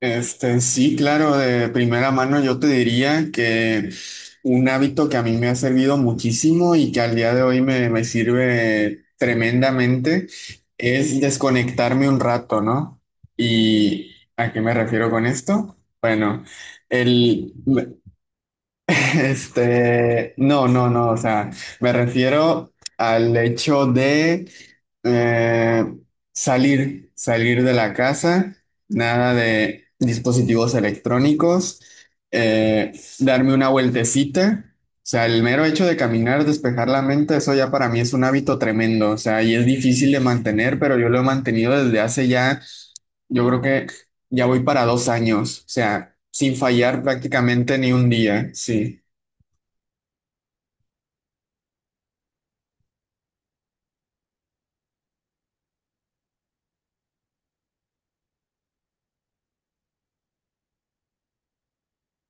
Sí, claro, de primera mano yo te diría que un hábito que a mí me ha servido muchísimo y que al día de hoy me sirve tremendamente es desconectarme un rato, ¿no? ¿Y a qué me refiero con esto? Bueno, el, no, no, no, o sea, me refiero al hecho de eh, salir de la casa, nada de dispositivos electrónicos, eh, darme una vueltecita, o sea, el mero hecho de caminar, despejar la mente, eso ya para mí es un hábito tremendo, o sea, y es difícil de mantener, pero yo lo he mantenido desde hace ya, yo creo que ya voy para 2 años, o sea, sin fallar prácticamente ni un día, sí.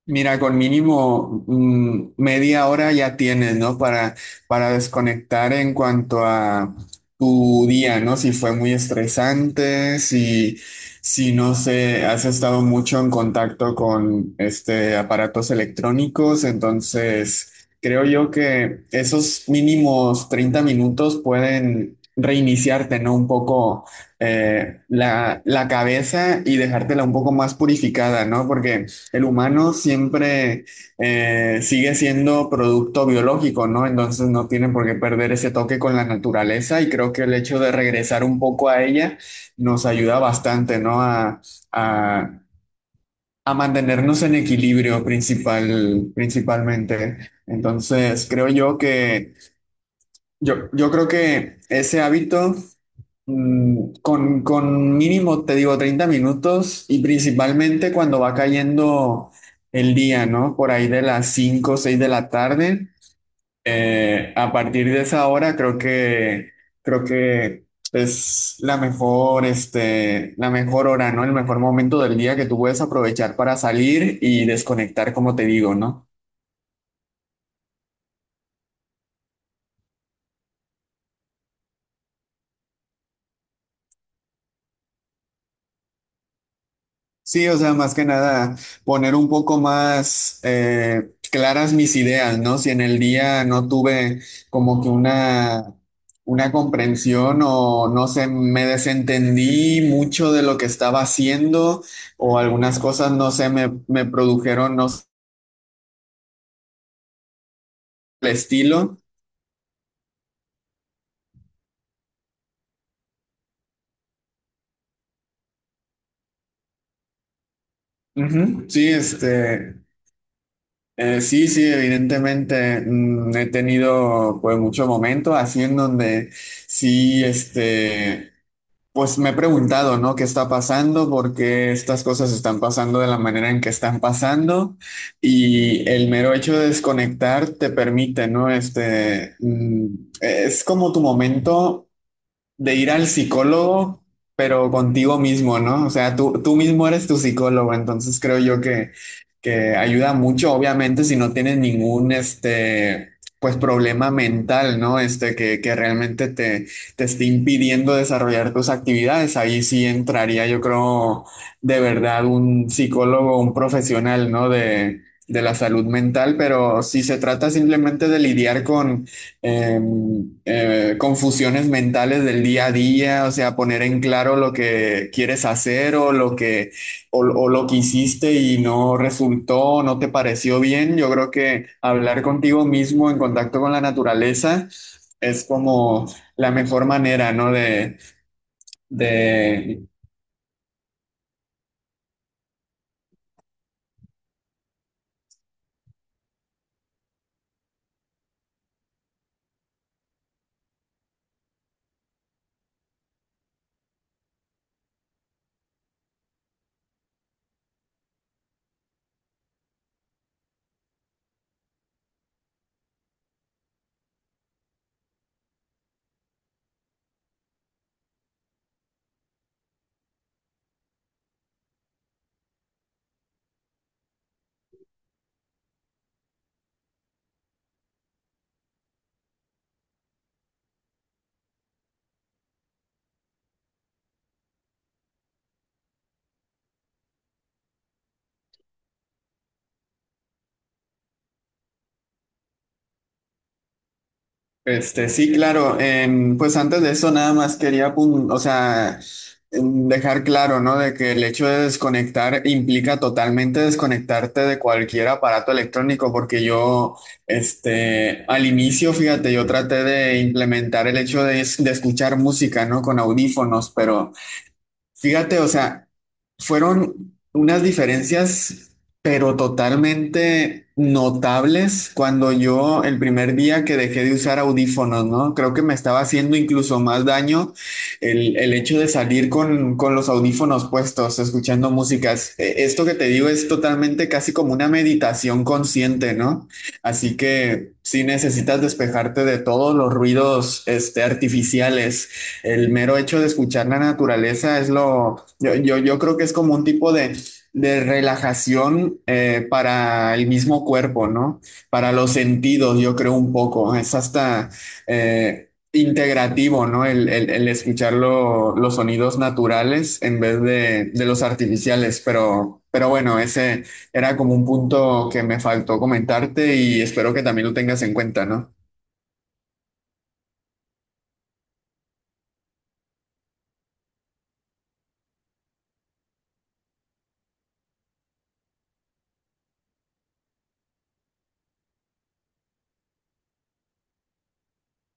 Mira, con mínimo 1/2 hora ya tienes, ¿no? Para desconectar en cuanto a tu día, ¿no? Si fue muy estresante, si no sé, has estado mucho en contacto con este aparatos electrónicos, entonces creo yo que esos mínimos 30 minutos pueden reiniciarte, ¿no? Un poco la cabeza y dejártela un poco más purificada, ¿no? Porque el humano siempre sigue siendo producto biológico, ¿no? Entonces no tiene por qué perder ese toque con la naturaleza y creo que el hecho de regresar un poco a ella nos ayuda bastante, ¿no? A- a mantenernos en equilibrio principalmente. Entonces creo yo que, yo creo que ese hábito con mínimo, te digo, 30 minutos y principalmente cuando va cayendo el día, ¿no? Por ahí de las 5 o 6 de la tarde. A partir de esa hora creo que es la mejor hora, ¿no? El mejor momento del día que tú puedes aprovechar para salir y desconectar, como te digo, ¿no? Sí, o sea, más que nada poner un poco más claras mis ideas, ¿no? Si en el día no tuve como que una comprensión o no sé, me desentendí mucho de lo que estaba haciendo o algunas cosas, no sé, me produjeron, no sé, el estilo. Ujú. Sí, sí, sí, evidentemente he tenido pues mucho momento así en donde sí, este pues me he preguntado, ¿no? ¿Qué está pasando? ¿Por qué estas cosas están pasando de la manera en que están pasando? Y el mero hecho de desconectar te permite, ¿no? Es como tu momento de ir al psicólogo, pero contigo mismo, ¿no? O sea, tú mismo eres tu psicólogo, entonces creo yo que ayuda mucho, obviamente, si no tienes pues problema mental, ¿no? Que realmente te esté impidiendo desarrollar tus actividades, ahí sí entraría, yo creo, de verdad, un psicólogo, un profesional, ¿no? De la salud mental, pero si se trata simplemente de lidiar con, eh, confusiones mentales del día a día, o sea, poner en claro lo que quieres hacer o lo que, o lo que hiciste y no resultó, no te pareció bien. Yo creo que hablar contigo mismo en contacto con la naturaleza es como la mejor manera, ¿no? De sí, claro. Pues antes de eso, nada más quería dejar claro, ¿no? De que el hecho de desconectar implica totalmente desconectarte de cualquier aparato electrónico, porque yo, al inicio, fíjate, yo traté de implementar el hecho de, de escuchar música, ¿no? Con audífonos, pero fíjate, o sea, fueron unas diferencias, pero totalmente notables cuando yo el primer día que dejé de usar audífonos, ¿no? Creo que me estaba haciendo incluso más daño el hecho de salir con los audífonos puestos, escuchando músicas. Esto que te digo es totalmente casi como una meditación consciente, ¿no? Así que si necesitas despejarte de todos los ruidos, artificiales, el mero hecho de escuchar la naturaleza es lo, yo creo que es como un tipo de relajación, para el mismo cuerpo, ¿no? Para los sentidos, yo creo un poco, es hasta integrativo, ¿no? El escuchar los sonidos naturales en vez de los artificiales, pero bueno, ese era como un punto que me faltó comentarte y espero que también lo tengas en cuenta, ¿no?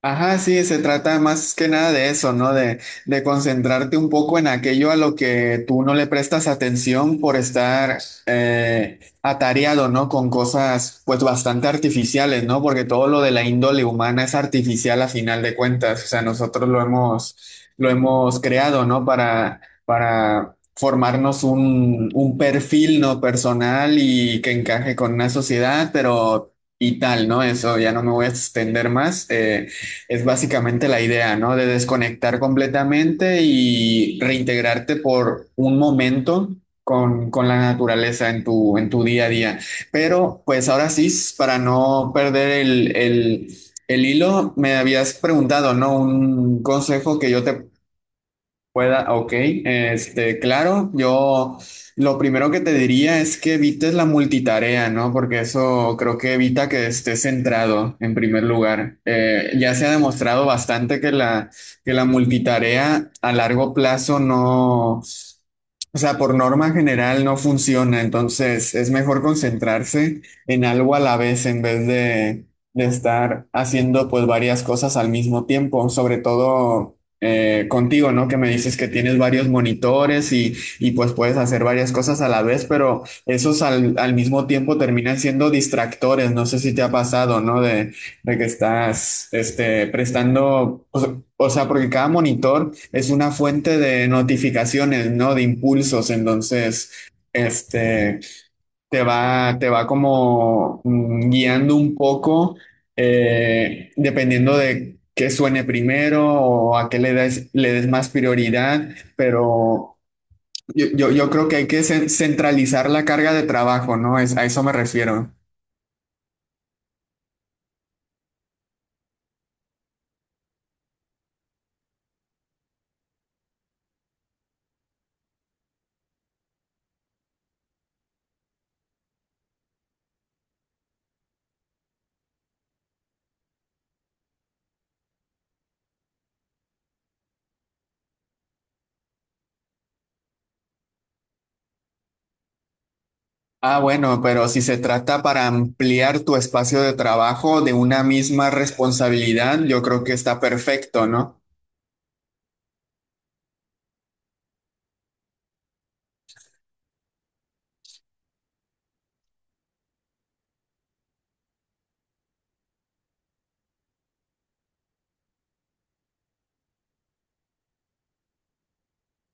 Ajá, sí, se trata más que nada de eso, ¿no? De concentrarte un poco en aquello a lo que tú no le prestas atención por estar atareado, ¿no? Con cosas pues bastante artificiales, ¿no? Porque todo lo de la índole humana es artificial a final de cuentas, o sea, nosotros lo hemos creado, ¿no? Para formarnos un perfil, ¿no? Personal y que encaje con una sociedad, pero... Y tal, ¿no? Eso ya no me voy a extender más. Es básicamente la idea, ¿no? De desconectar completamente y reintegrarte por un momento con la naturaleza en tu día a día. Pero pues ahora sí, para no perder el hilo, me habías preguntado, ¿no? Un consejo que yo te pueda, ok, claro, yo lo primero que te diría es que evites la multitarea, ¿no? Porque eso creo que evita que estés centrado en primer lugar. Ya se ha demostrado bastante que que la multitarea a largo plazo no, o sea, por norma general no funciona, entonces es mejor concentrarse en algo a la vez en vez de estar haciendo pues varias cosas al mismo tiempo, sobre todo contigo, ¿no? Que me dices que tienes varios monitores y pues puedes hacer varias cosas a la vez, pero esos al mismo tiempo terminan siendo distractores. No sé si te ha pasado, ¿no? De que estás, prestando, o sea, porque cada monitor es una fuente de notificaciones, ¿no? De impulsos. Entonces, este, te va como guiando un poco, dependiendo de qué suene primero o a qué le des más prioridad, pero yo creo que hay que centralizar la carga de trabajo, ¿no? Es, a eso me refiero. Ah, bueno, pero si se trata para ampliar tu espacio de trabajo de una misma responsabilidad, yo creo que está perfecto, ¿no?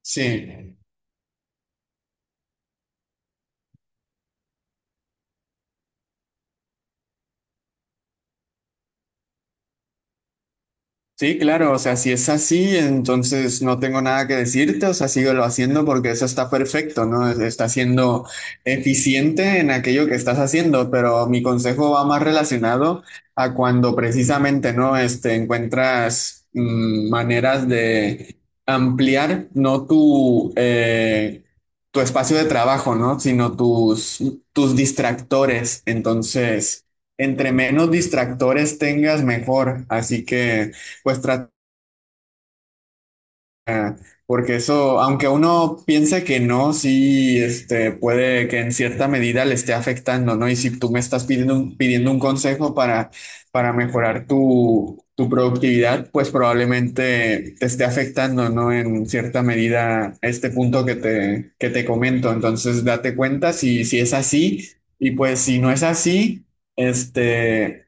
Sí. Sí, claro, o sea, si es así, entonces no tengo nada que decirte, o sea, síguelo haciendo porque eso está perfecto, ¿no? Está siendo eficiente en aquello que estás haciendo, pero mi consejo va más relacionado a cuando precisamente, ¿no? Encuentras maneras de ampliar, no tu, tu espacio de trabajo, ¿no? Sino tus, tus distractores. Entonces, entre menos distractores tengas, mejor. Así que pues trata, porque eso, aunque uno piense que no, sí, puede que en cierta medida le esté afectando, ¿no? Y si tú me estás pidiendo un consejo para mejorar tu, tu productividad, pues probablemente te esté afectando, ¿no? En cierta medida este punto que te comento. Entonces, date cuenta si, si es así, y pues si no es así, este...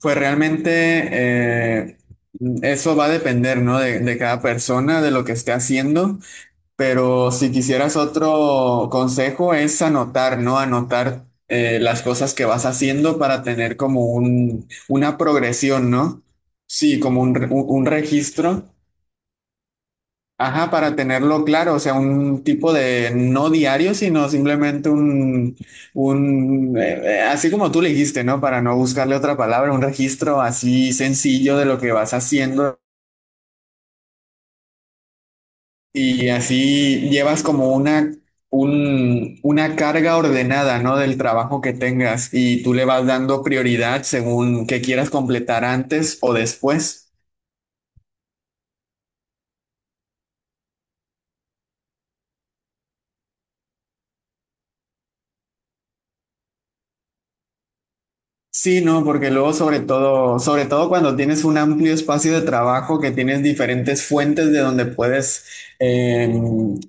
Pues realmente eh, eso va a depender, ¿no? De cada persona, de lo que esté haciendo, pero si quisieras otro consejo es anotar, ¿no? Anotar las cosas que vas haciendo para tener como un, una progresión, ¿no? Sí, como un, un registro. Ajá, para tenerlo claro, o sea, un tipo de no diario, sino simplemente un así como tú le dijiste, ¿no? Para no buscarle otra palabra, un registro así sencillo de lo que vas haciendo y así llevas como una, un, una carga ordenada, ¿no? Del trabajo que tengas y tú le vas dando prioridad según que quieras completar antes o después. Sí, no, porque luego sobre todo cuando tienes un amplio espacio de trabajo, que tienes diferentes fuentes de donde puedes eh,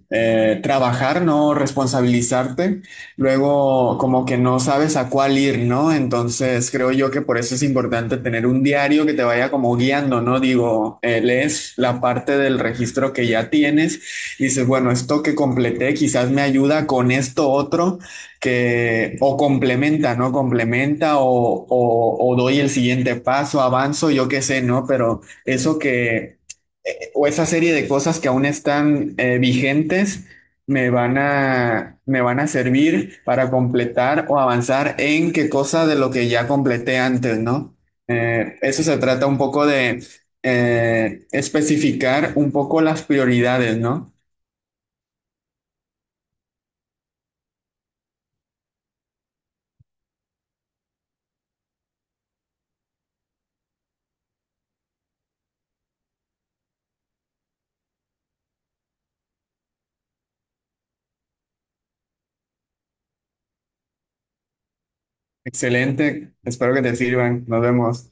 trabajar, ¿no? Responsabilizarte, luego como que no sabes a cuál ir, ¿no? Entonces creo yo que por eso es importante tener un diario que te vaya como guiando, ¿no? Digo, lees la parte del registro que ya tienes, dices, bueno, esto que completé quizás me ayuda con esto otro que o complementa, ¿no? Complementa o doy el siguiente paso, avanzo, yo qué sé, ¿no? Pero eso que, o esa serie de cosas que aún están vigentes, me van a servir para completar o avanzar en qué cosa de lo que ya completé antes, ¿no? Eso se trata un poco de especificar un poco las prioridades, ¿no? Excelente, espero que te sirvan, nos vemos.